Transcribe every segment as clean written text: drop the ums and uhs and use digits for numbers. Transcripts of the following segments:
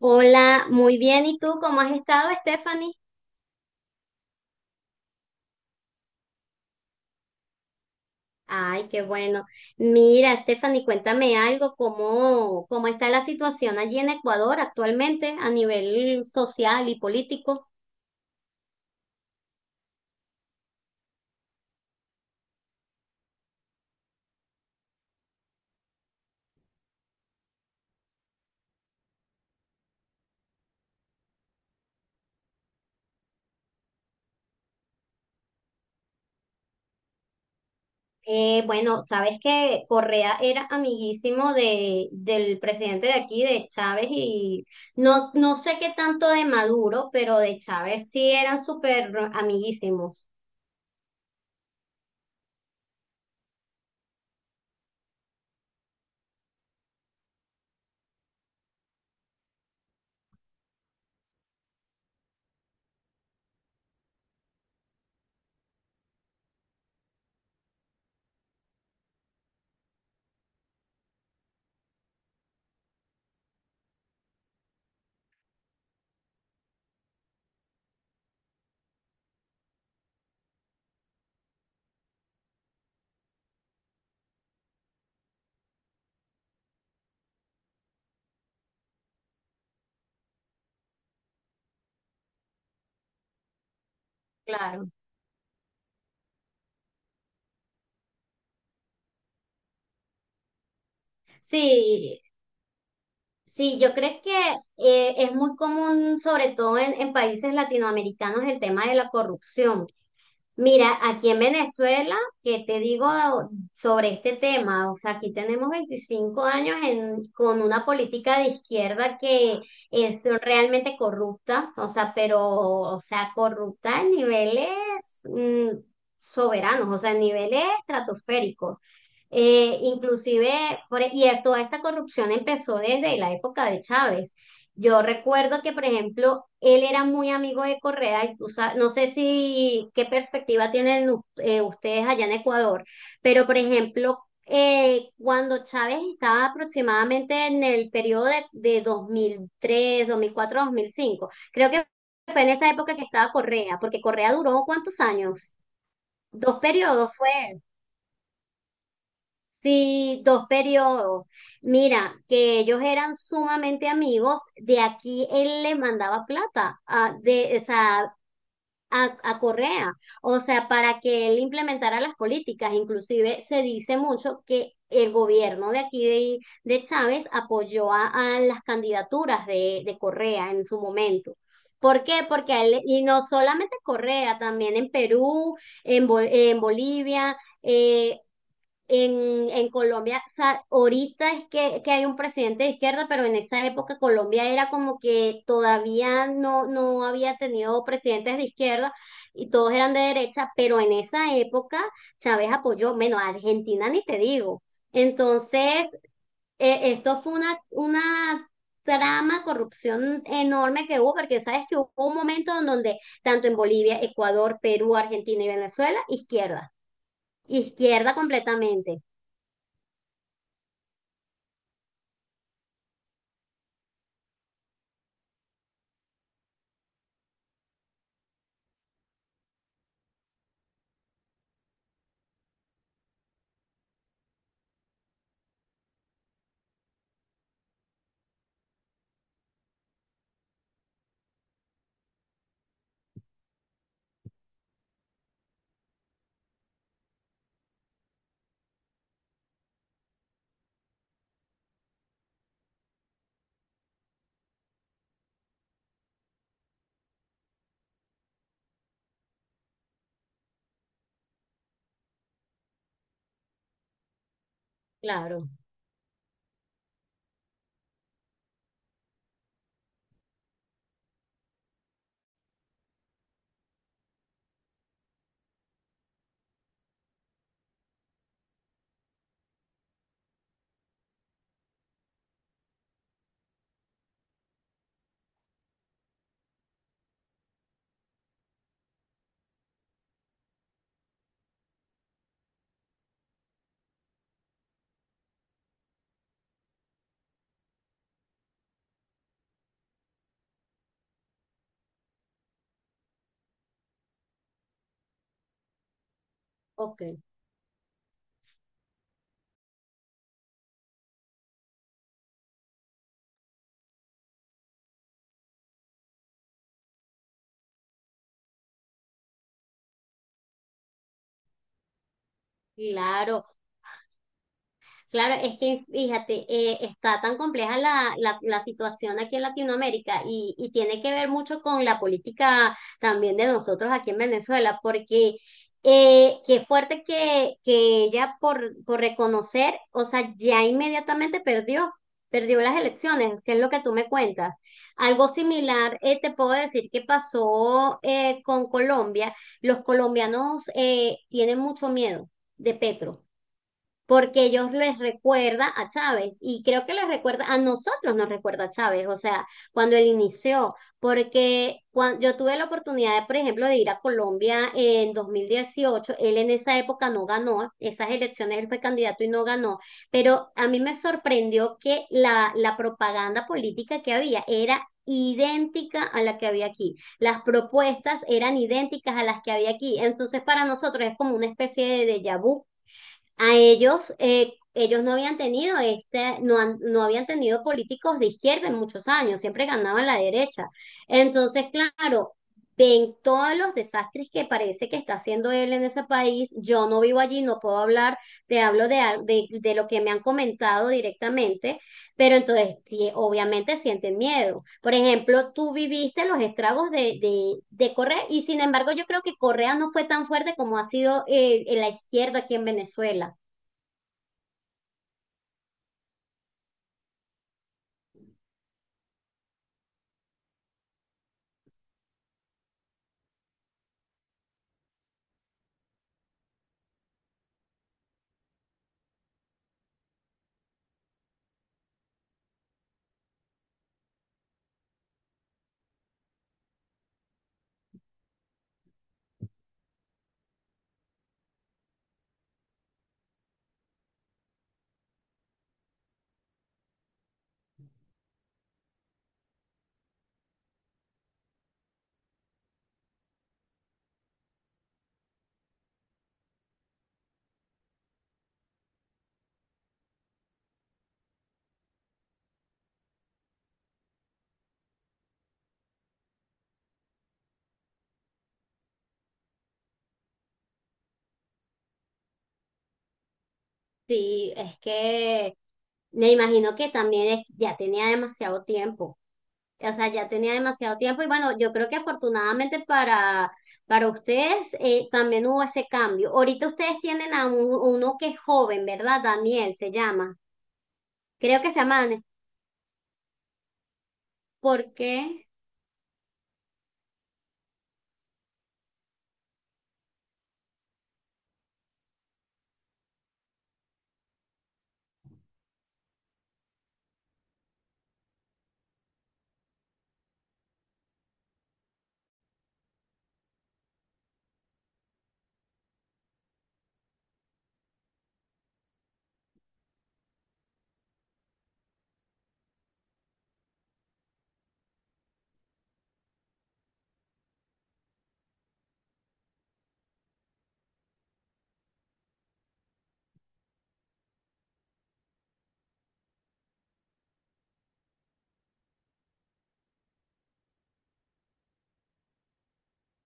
Hola, muy bien. ¿Y tú cómo has estado, Stephanie? Ay, qué bueno. Mira, Stephanie, cuéntame algo, ¿cómo está la situación allí en Ecuador actualmente a nivel social y político? Bueno, sabes que Correa era amiguísimo del presidente de aquí, de Chávez, y no sé qué tanto de Maduro, pero de Chávez sí eran súper amiguísimos, claro. Sí, sí, yo creo que es muy común, sobre todo en países latinoamericanos, el tema de la corrupción. Mira, aquí en Venezuela, ¿que te digo sobre este tema? O sea, aquí tenemos 25 años con una política de izquierda que es realmente corrupta, o sea, pero, o sea, corrupta a niveles mm, soberanos, o sea, a niveles estratosféricos. Inclusive, y toda esta corrupción empezó desde la época de Chávez. Yo recuerdo que, por ejemplo, él era muy amigo de Correa y no sé si qué perspectiva tienen ustedes allá en Ecuador, pero, por ejemplo, cuando Chávez estaba aproximadamente en el periodo de dos mil tres 2004 2005 creo que fue en esa época que estaba Correa, porque Correa duró ¿cuántos años? Dos periodos fue. Sí, dos periodos. Mira, que ellos eran sumamente amigos. De aquí él le mandaba plata o sea, a Correa, o sea, para que él implementara las políticas. Inclusive se dice mucho que el gobierno de aquí de Chávez apoyó a las candidaturas de Correa en su momento. ¿Por qué? Porque a él, y no solamente Correa, también en Perú, en Bolivia eh, en Colombia, o sea, ahorita es que hay un presidente de izquierda, pero en esa época Colombia era como que todavía no había tenido presidentes de izquierda y todos eran de derecha, pero en esa época Chávez apoyó, menos a Argentina ni te digo. Entonces, esto fue una trama, corrupción enorme que hubo, porque sabes que hubo un momento en donde tanto en Bolivia, Ecuador, Perú, Argentina y Venezuela, izquierda, izquierda completamente. Claro, ok, claro. Claro, es que fíjate, está tan compleja la situación aquí en Latinoamérica y tiene que ver mucho con la política también de nosotros aquí en Venezuela, porque qué fuerte que ella por reconocer, o sea, ya inmediatamente perdió las elecciones, que es lo que tú me cuentas. Algo similar, te puedo decir que pasó con Colombia. Los colombianos tienen mucho miedo de Petro porque ellos les recuerda a Chávez y creo que les recuerda a nosotros nos recuerda a Chávez, o sea, cuando él inició, porque cuando yo tuve la oportunidad de, por ejemplo, de ir a Colombia en 2018, él en esa época no ganó, esas elecciones él fue candidato y no ganó, pero a mí me sorprendió que la propaganda política que había era idéntica a la que había aquí. Las propuestas eran idénticas a las que había aquí. Entonces, para nosotros es como una especie de déjà vu a ellos, ellos no habían tenido este, no habían tenido políticos de izquierda en muchos años, siempre ganaban la derecha. Entonces, claro, ven todos los desastres que parece que está haciendo él en ese país. Yo no vivo allí, no puedo hablar, te hablo de lo que me han comentado directamente, pero entonces sí, obviamente sienten miedo. Por ejemplo, tú viviste los estragos de Correa y sin embargo yo creo que Correa no fue tan fuerte como ha sido la izquierda aquí en Venezuela. Sí, es que me imagino que también ya tenía demasiado tiempo. O sea, ya tenía demasiado tiempo y bueno, yo creo que afortunadamente para ustedes también hubo ese cambio. Ahorita ustedes tienen a uno que es joven, ¿verdad? Daniel se llama. Creo que se llama Daniel. ¿Por qué?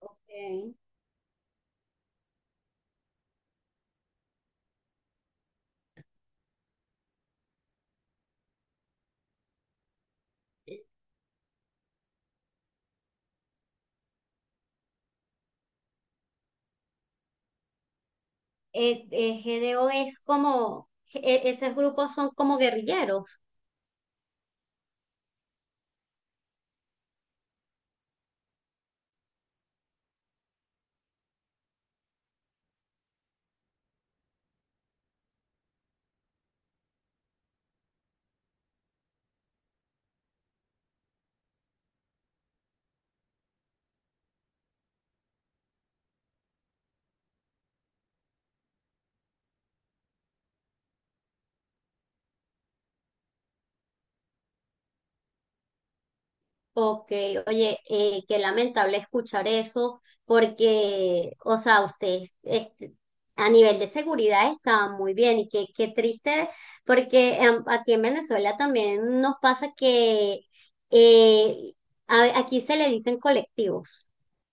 Ok. GDO es como, esos grupos son como guerrilleros. Ok, oye, qué lamentable escuchar eso, porque, o sea, ustedes este, a nivel de seguridad estaban muy bien y qué triste, porque aquí en Venezuela también nos pasa que eh, aquí se le dicen colectivos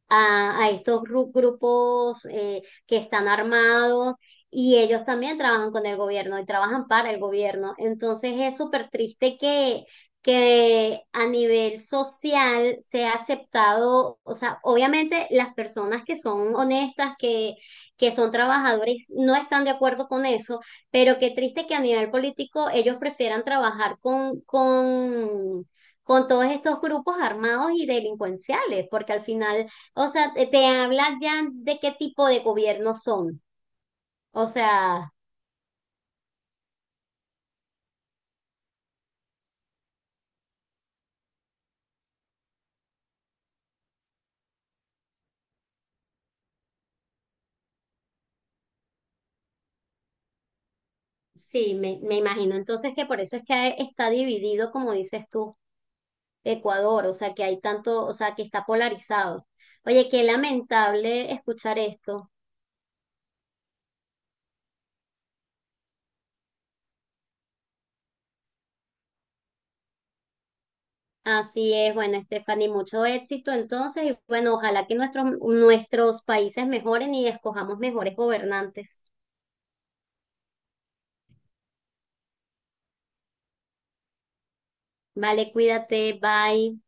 a estos grupos que están armados y ellos también trabajan con el gobierno y trabajan para el gobierno. Entonces es súper triste que a nivel social sea aceptado, o sea, obviamente las personas que son honestas, que son trabajadores, no están de acuerdo con eso, pero qué triste que a nivel político ellos prefieran trabajar con todos estos grupos armados y delincuenciales, porque al final o sea, te habla ya de qué tipo de gobierno son. O sea, sí, me imagino. Entonces que por eso es que está dividido, como dices tú, Ecuador. O sea, que hay tanto, o sea, que está polarizado. Oye, qué lamentable escuchar esto. Así es, bueno, Stephanie, mucho éxito entonces. Y bueno, ojalá que nuestros países mejoren y escojamos mejores gobernantes. Vale, cuídate, bye.